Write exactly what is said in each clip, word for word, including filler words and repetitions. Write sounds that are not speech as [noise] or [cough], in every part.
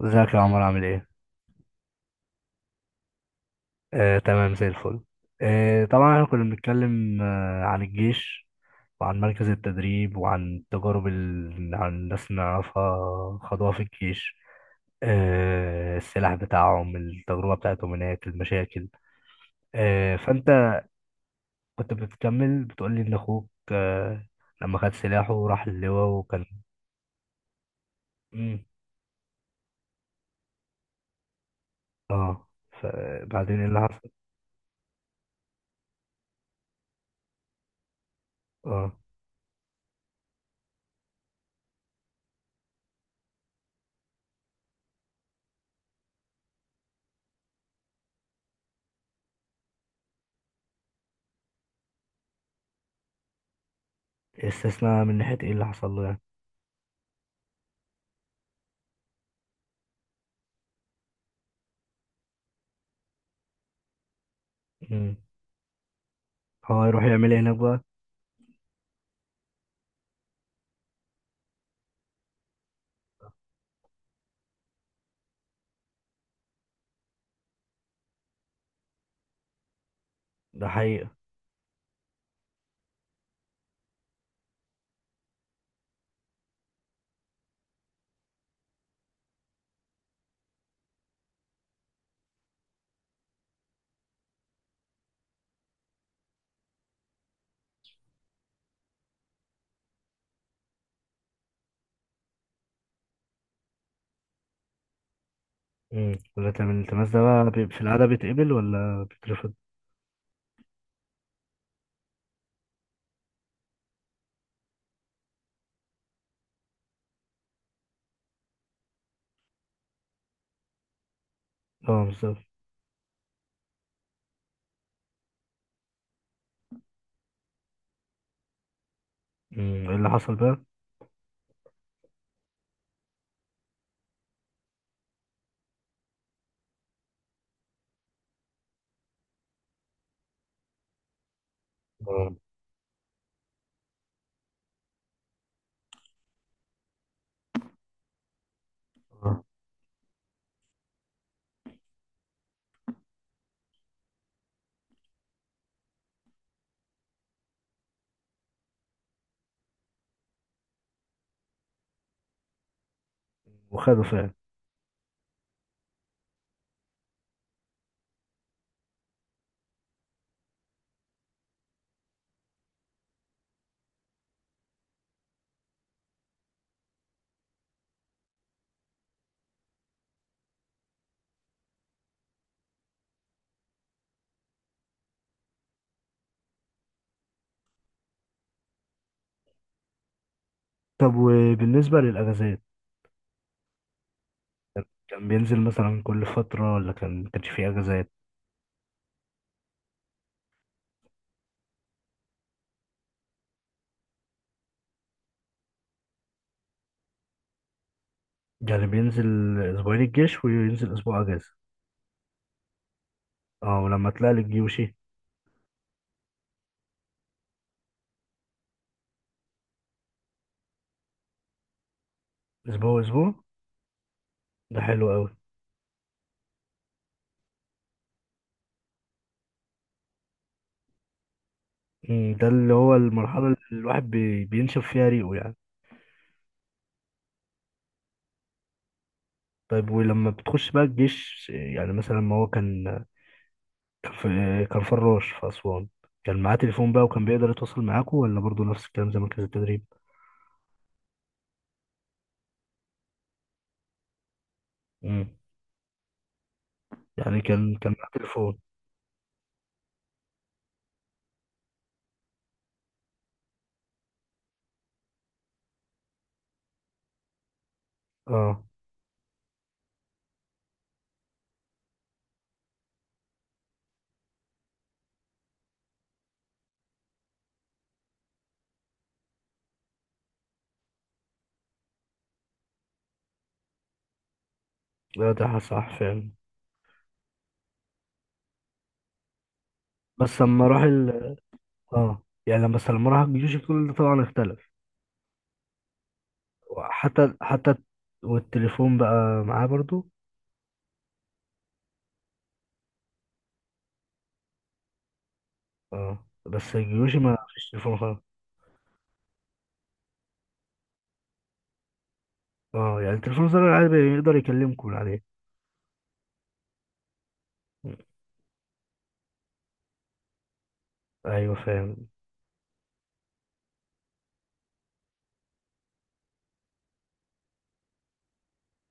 ازيك يا عمر، عامل ايه؟ آه، تمام زي الفل. آه، طبعا احنا كنا بنتكلم آه، عن الجيش، وعن مركز التدريب، وعن التجارب اللي عن الناس اللي نعرفها خدوها في الجيش. آه، السلاح بتاعهم، التجربة بتاعتهم هناك، المشاكل. آه، فانت كنت بتكمل بتقول لي ان اخوك آه، لما خد سلاحه وراح اللواء وكان... مم. اه، فبعدين ايه اللي حصل؟ اه. استثناء من ناحية ايه اللي حصل له يعني؟ مم. هو يروح يعمل ايه هناك بقى؟ ده حقيقة. امم لكن من الالتماس ده بقى بي- في العادة بيتقبل ولا بيترفض؟ اه، بالظبط. أمم، ايه اللي حصل بقى؟ اه. آه. وخده فعلا؟ طب، وبالنسبة للأجازات، كان بينزل مثلا كل فترة ولا كان ما كانش فيه أجازات؟ يعني بينزل أسبوعين الجيش وينزل أسبوع أجازة؟ اه، ولما طلع للجيوشي؟ أسبوع أسبوع. ده حلو أوي. أمم، ده اللي هو المرحلة اللي الواحد بي- بينشف فيها ريقه يعني. طيب، ولما بتخش بقى الجيش، يعني مثلا ما هو كان... كان في... كان فراش في أسوان، كان معاه تليفون بقى وكان بيقدر يتواصل معاكم، ولا برضو نفس الكلام زي مركز التدريب؟ مم. يعني كان كان معاه تليفون؟ اه، لا ده صح فعلا. بس لما راح ال... اه، يعني لما بس لما راح الجيش كل ده طبعا اختلف. حتى حتى والتليفون بقى معاه برضو؟ اه، بس الجيوشي ما فيش تليفون خالص. اه، يعني التليفون الزرار العادي بيقدر يكلمكم من عليه؟ ايوه، فاهم.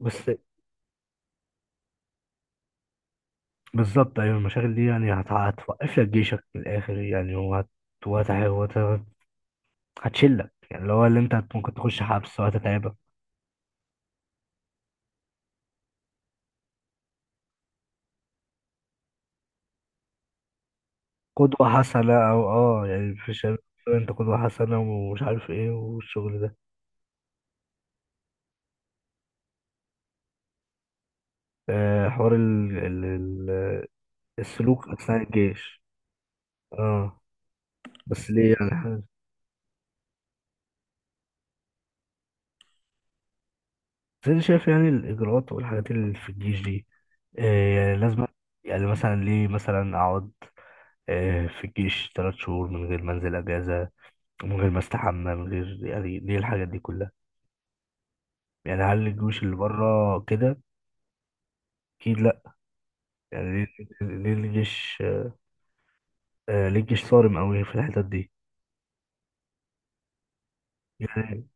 بس. بالظبط، ايوه. المشاغل دي يعني هت- هتوقف لك جيشك من الاخر يعني، وهت وهت- وهت- هتشلك، يعني اللي هو اللي انت هت- ممكن تخش حبس وهتتعبك. قدوة حسنة، او اه يعني في شباب. انت قدوة حسنة، ومش عارف ايه، والشغل ده. آه، حوار ال... ال... ال... السلوك اثناء الجيش. اه. بس ليه يعني حاجة- بس انا شايف يعني الاجراءات والحاجات اللي في الجيش دي آه يعني لازم... يعني مثلا ليه؟ مثلا اقعد آه في الجيش ثلاث شهور من غير ما انزل اجازة، من غير ما استحمى، من غير... يعني ليه الحاجات دي كلها؟ يعني هل الجيوش اللي بره كده؟ اكيد لا. يعني ليه؟ ليه الجيش آه ليه الجيش صارم قوي في الحتت دي؟ يعني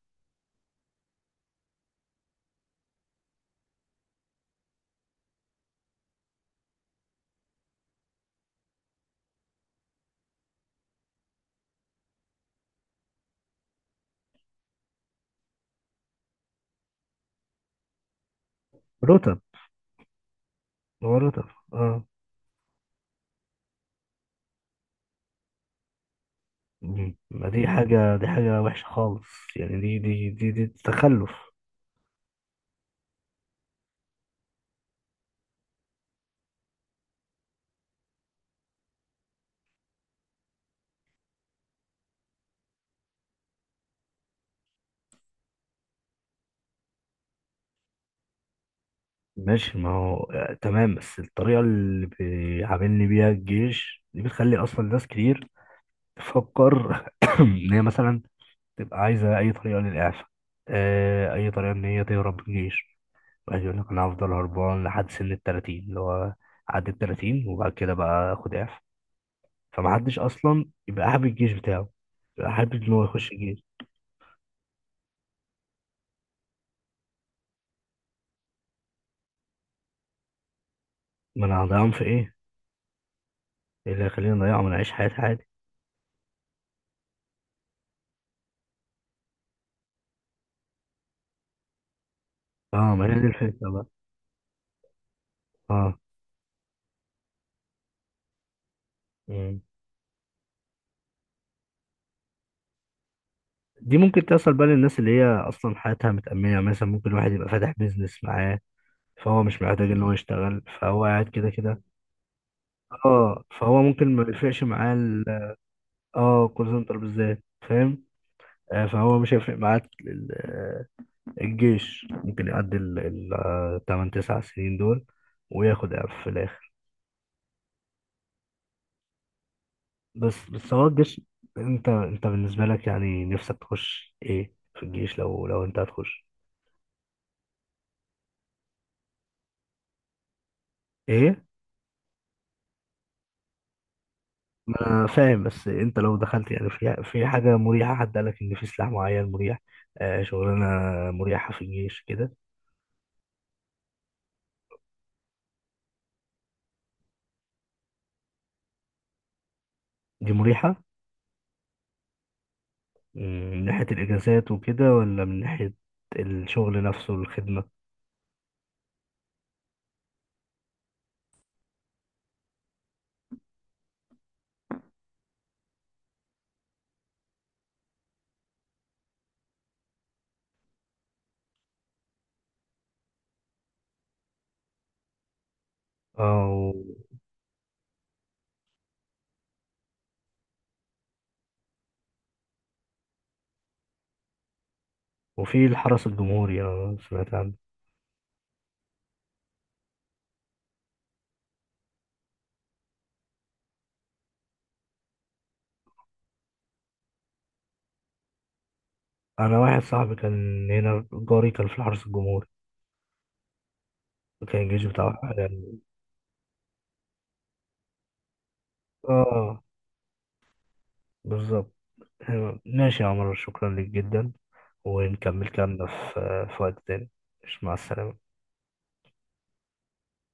رتب. هو رتب. اه. مم. ما دي حاجة، دي حاجة وحشة خالص. يعني دي دي دي, دي تخلف. ماشي، ما هو آه تمام. بس الطريقة اللي بيعاملني بيها الجيش دي بتخلي أصلا ناس كتير تفكر [laughs] [clears throat] إن هي مثلا تبقى عايزة أي طريقة للإعفاء، آه، أي طريقة إن هي تهرب من الجيش. عايز يقول لك انا هفضل هربان لحد سن ال ثلاثين، اللي هو عدى ال ثلاثين، وبعد كده بقى اخد اعفاء. فمحدش اصلا يبقى حابب الجيش بتاعه، يبقى حابب ان هو يخش الجيش. ما انا هضيعهم في ايه؟ إيه اللي هيخليني اضيعهم؟ انا اعيش حياتي عادي. اه، ما هي دي الفكره بقى. اه. مم. دي ممكن تحصل بقى للناس اللي هي اصلا حياتها متأمنه، يعني مثلا ممكن واحد يبقى فاتح بيزنس معاه، فهو مش محتاج ان هو يشتغل، فهو قاعد كده كده. اه، فهو ممكن ما يفرقش معاه ال- اه، كول سنتر بالذات، فاهم. آه، فهو مش هيفرق معاه الجيش، ممكن يعدي ال ال- آه، تمن تسع سنين دول وياخد إعفاء في الآخر. بس بس هو الجيش... أنت أنت بالنسبة لك يعني نفسك تخش إيه في الجيش؟ لو لو أنت هتخش؟ إيه؟ ما أنا فاهم، بس أنت لو دخلت يعني في في حاجة مريحة، حد قالك إن في سلاح معين مريح، آه شغلانة مريحة في الجيش كده؟ دي مريحة. مم، من ناحية الإجازات وكده، ولا من ناحية الشغل نفسه، الخدمة؟ آه و- وفي الحرس الجمهوري أنا سمعت عنه. انا واحد صاحبي كان هنا جاري كان في الحرس الجمهوري، كان الجيش بتاعه يعني. اه، بالظبط. ماشي يا عمر، شكرا لك جدا، ونكمل كلامنا في في وقت تاني. مش مع السلامة.